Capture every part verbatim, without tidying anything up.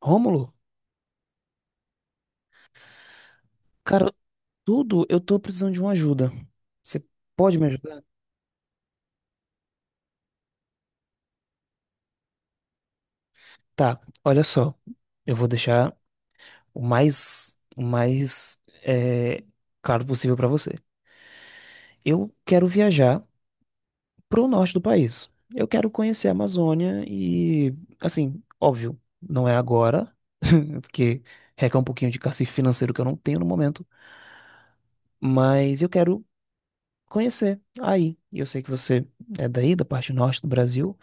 Rômulo, cara, tudo, eu tô precisando de uma ajuda. Você pode me ajudar? Tá, olha só. Eu vou deixar o mais, o mais é, claro possível pra você. Eu quero viajar pro norte do país. Eu quero conhecer a Amazônia e, assim, óbvio, não é agora, porque requer um pouquinho de cacife financeiro que eu não tenho no momento, mas eu quero conhecer aí. E eu sei que você é daí, da parte norte do Brasil.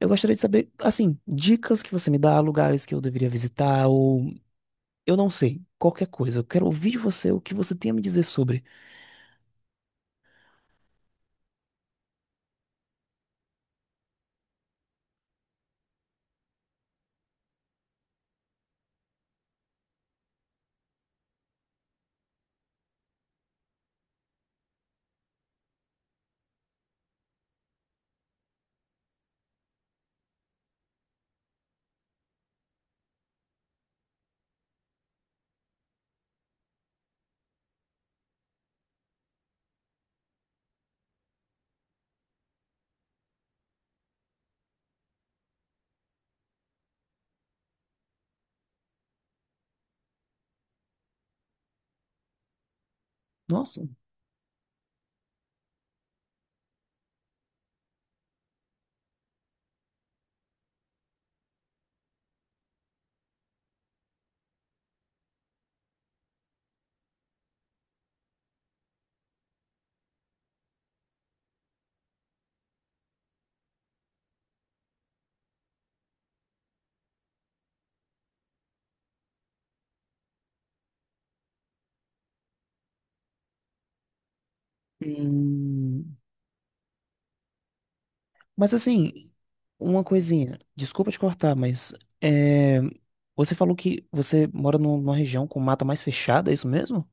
Eu gostaria de saber, assim, dicas que você me dá, lugares que eu deveria visitar, ou eu não sei, qualquer coisa. Eu quero ouvir de você o que você tem a me dizer sobre. Nossa. hum, Mas assim, uma coisinha, desculpa te cortar, mas é, você falou que você mora num- numa região com mata mais fechada, é isso mesmo?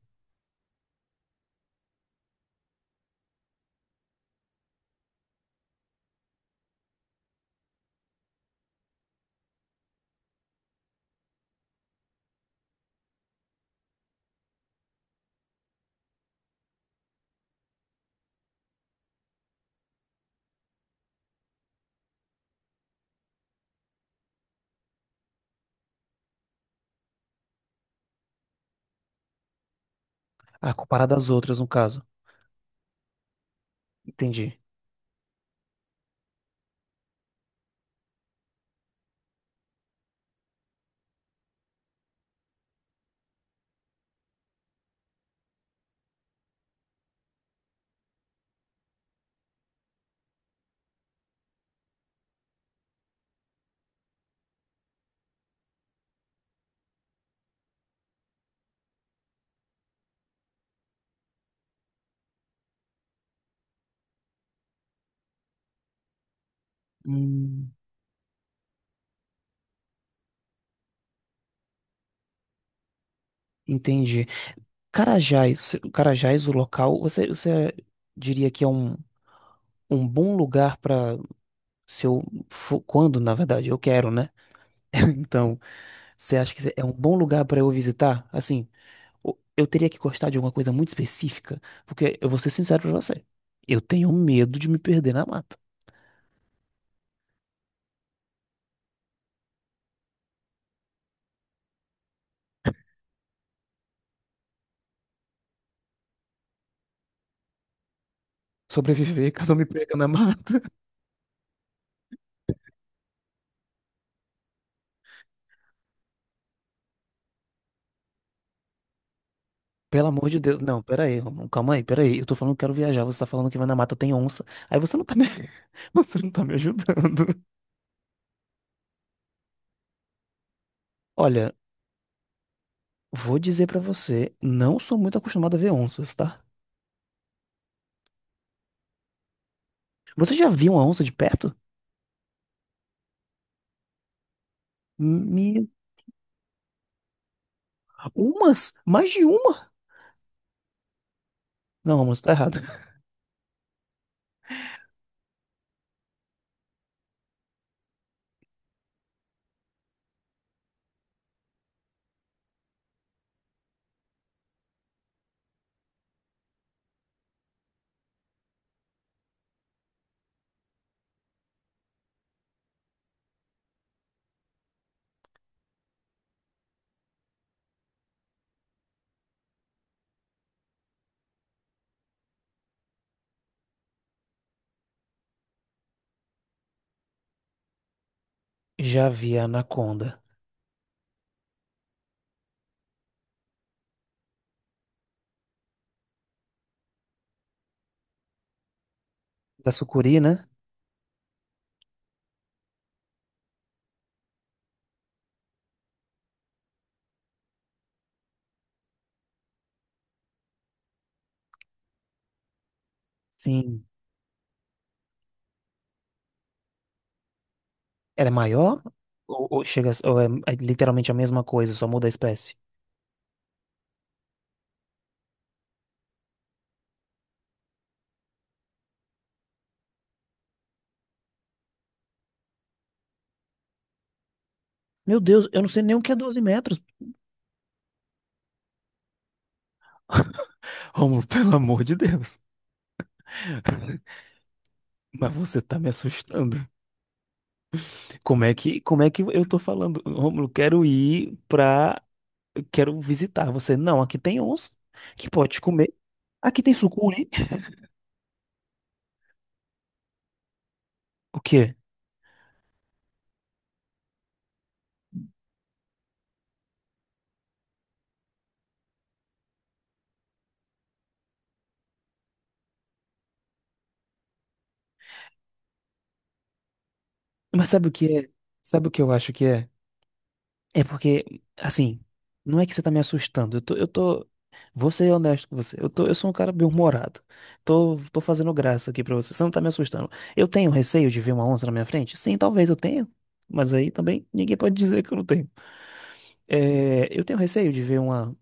Ah, comparado às outras, no caso. Entendi. Hum, entendi. Carajás, se- Carajás, o local, você, você diria que é um, um bom lugar para se eu for, quando, na verdade, eu quero, né? Então, você acha que é um bom lugar para eu visitar? Assim, o- eu teria que gostar de alguma coisa muito específica, porque eu vou ser sincero pra você. Eu tenho medo de me perder na mata. Sobreviver caso eu me perca na mata. Pelo amor de Deus. Não, pera aí, Romão, calma aí, pera aí. Eu tô falando que quero viajar, você tá falando que vai na mata, tem onça. Aí você não tá me, você não tá me ajudando. Olha, vou dizer pra você, não sou muito acostumado a ver onças, tá? Você já viu uma onça de perto? Meu Umas? Mais de uma? Não, mas tá errado. Já vi a anaconda. Da sucuri, né? Sim. Ela é maior? Ou, ou chega, a- ou é, é literalmente a mesma coisa, só muda a espécie? Meu Deus, eu não sei nem o que é doze metros. Romulo, pelo amor de Deus. Mas você tá me assustando. Como é que, como é que eu tô falando? Romulo, quero ir pra... Quero visitar você. Não, aqui tem onça que pode comer. Aqui tem sucuri. O quê? Mas sabe o que é? Sabe o que eu acho que é? É porque, assim, não é que você tá me assustando. Eu tô, eu tô, vou ser honesto com você. Eu tô, eu sou um cara bem-humorado. Tô, tô fazendo graça aqui pra você. Você não tá me assustando. Eu tenho receio de ver uma onça na minha frente? Sim, talvez eu tenha. Mas aí também ninguém pode dizer que eu não tenho. É, eu tenho receio de ver uma,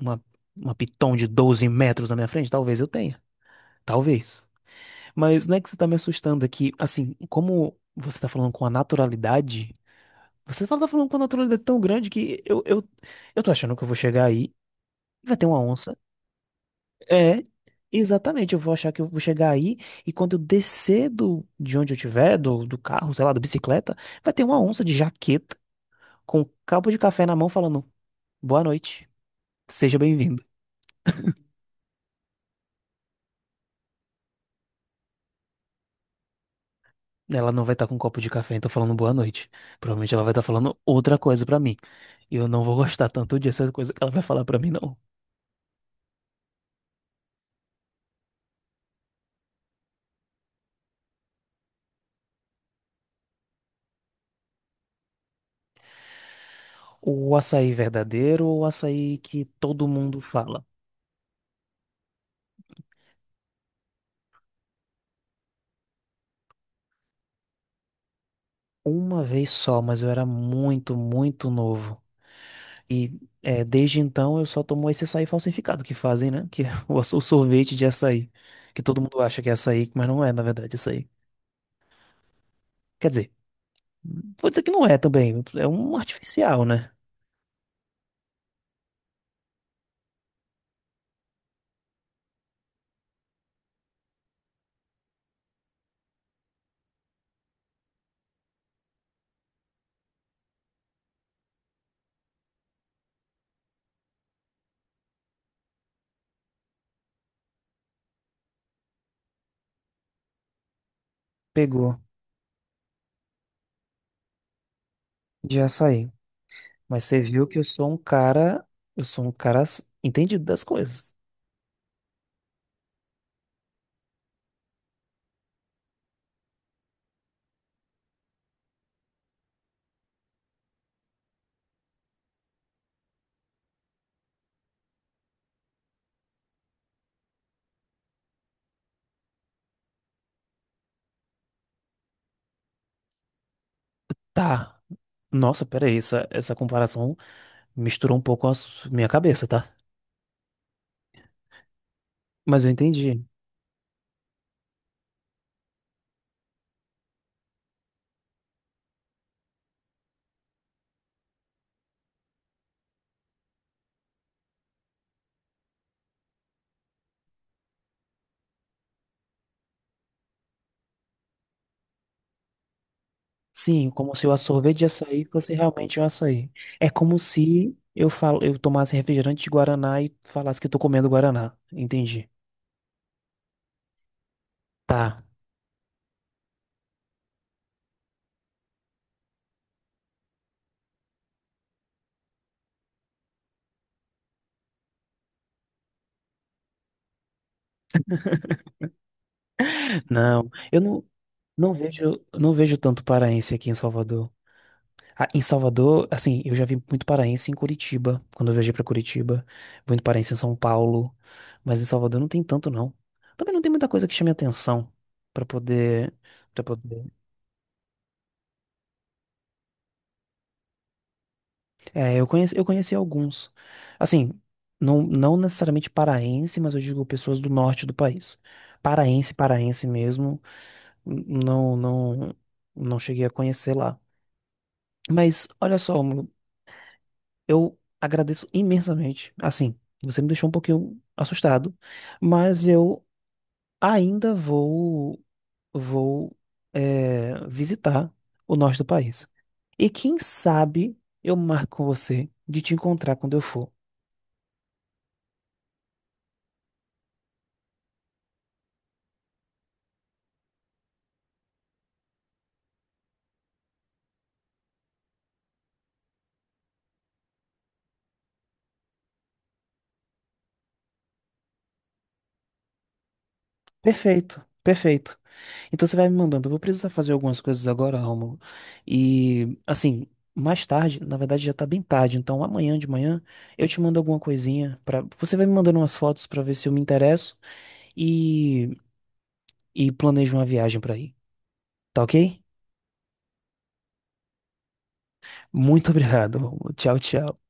uma, uma piton de doze metros na minha frente? Talvez eu tenha. Talvez. Mas não é que você tá me assustando aqui. Assim, como você tá falando com a naturalidade. Você fala- tá falando com uma naturalidade tão grande que eu, eu, eu tô achando que eu vou chegar aí, vai ter uma onça. É, exatamente, eu vou achar que eu vou chegar aí e quando eu descer do, de onde eu tiver, do, do carro, sei lá, da bicicleta, vai ter uma onça de jaqueta com um copo de café na mão falando boa noite, seja bem-vindo. Ela não vai estar com um copo de café, então falando boa noite. Provavelmente ela vai estar falando outra coisa pra mim. E eu não vou gostar tanto dessa coisa que ela vai falar pra mim, não. O açaí verdadeiro ou o açaí que todo mundo fala? Uma vez só, mas eu era muito, muito novo. E é, desde então eu só tomo esse açaí falsificado que fazem, né? Que é o, aç- o sorvete de açaí. Que todo mundo acha que é açaí, mas não é, na verdade, açaí. Quer dizer, vou dizer que não é também. É um artificial, né? Pegou de açaí. Mas você viu que eu sou um cara. Eu sou um cara s- entendido das coisas. Tá. Nossa, peraí, essa, essa comparação misturou um pouco a s- minha cabeça, tá? Mas eu entendi. Sim, como se o sorvete de açaí fosse realmente um açaí. É como se eu falo, eu tomasse refrigerante de Guaraná e falasse que eu tô comendo Guaraná. Entendi. Tá. Não, eu não, não vejo, não vejo tanto paraense aqui em Salvador. Ah, em Salvador, assim, eu já vi muito paraense em Curitiba, quando eu viajei pra Curitiba, muito paraense em São Paulo, mas em Salvador não tem tanto não. Também não tem muita coisa que chame atenção pra poder, para poder. É, eu conheci, eu conheci alguns. Assim, não, não necessariamente paraense, mas eu digo pessoas do norte do país. Paraense, paraense mesmo, n- não, não, não cheguei a conhecer lá. Mas olha só, Mônaco, eu agradeço imensamente. Assim, você me deixou um pouquinho assustado, mas eu ainda vou, vou, é, visitar o norte do país. E quem sabe eu marco com você de te encontrar quando eu for. Perfeito, perfeito. Então você vai me mandando. Eu vou precisar fazer algumas coisas agora, Rômulo. E assim, mais tarde, na verdade já tá bem tarde, então amanhã de manhã eu te mando alguma coisinha para você vai me mandando umas fotos pra ver se eu me interesso e e planejo uma viagem pra ir. Tá ok? Muito obrigado, Rômulo. Tchau, tchau.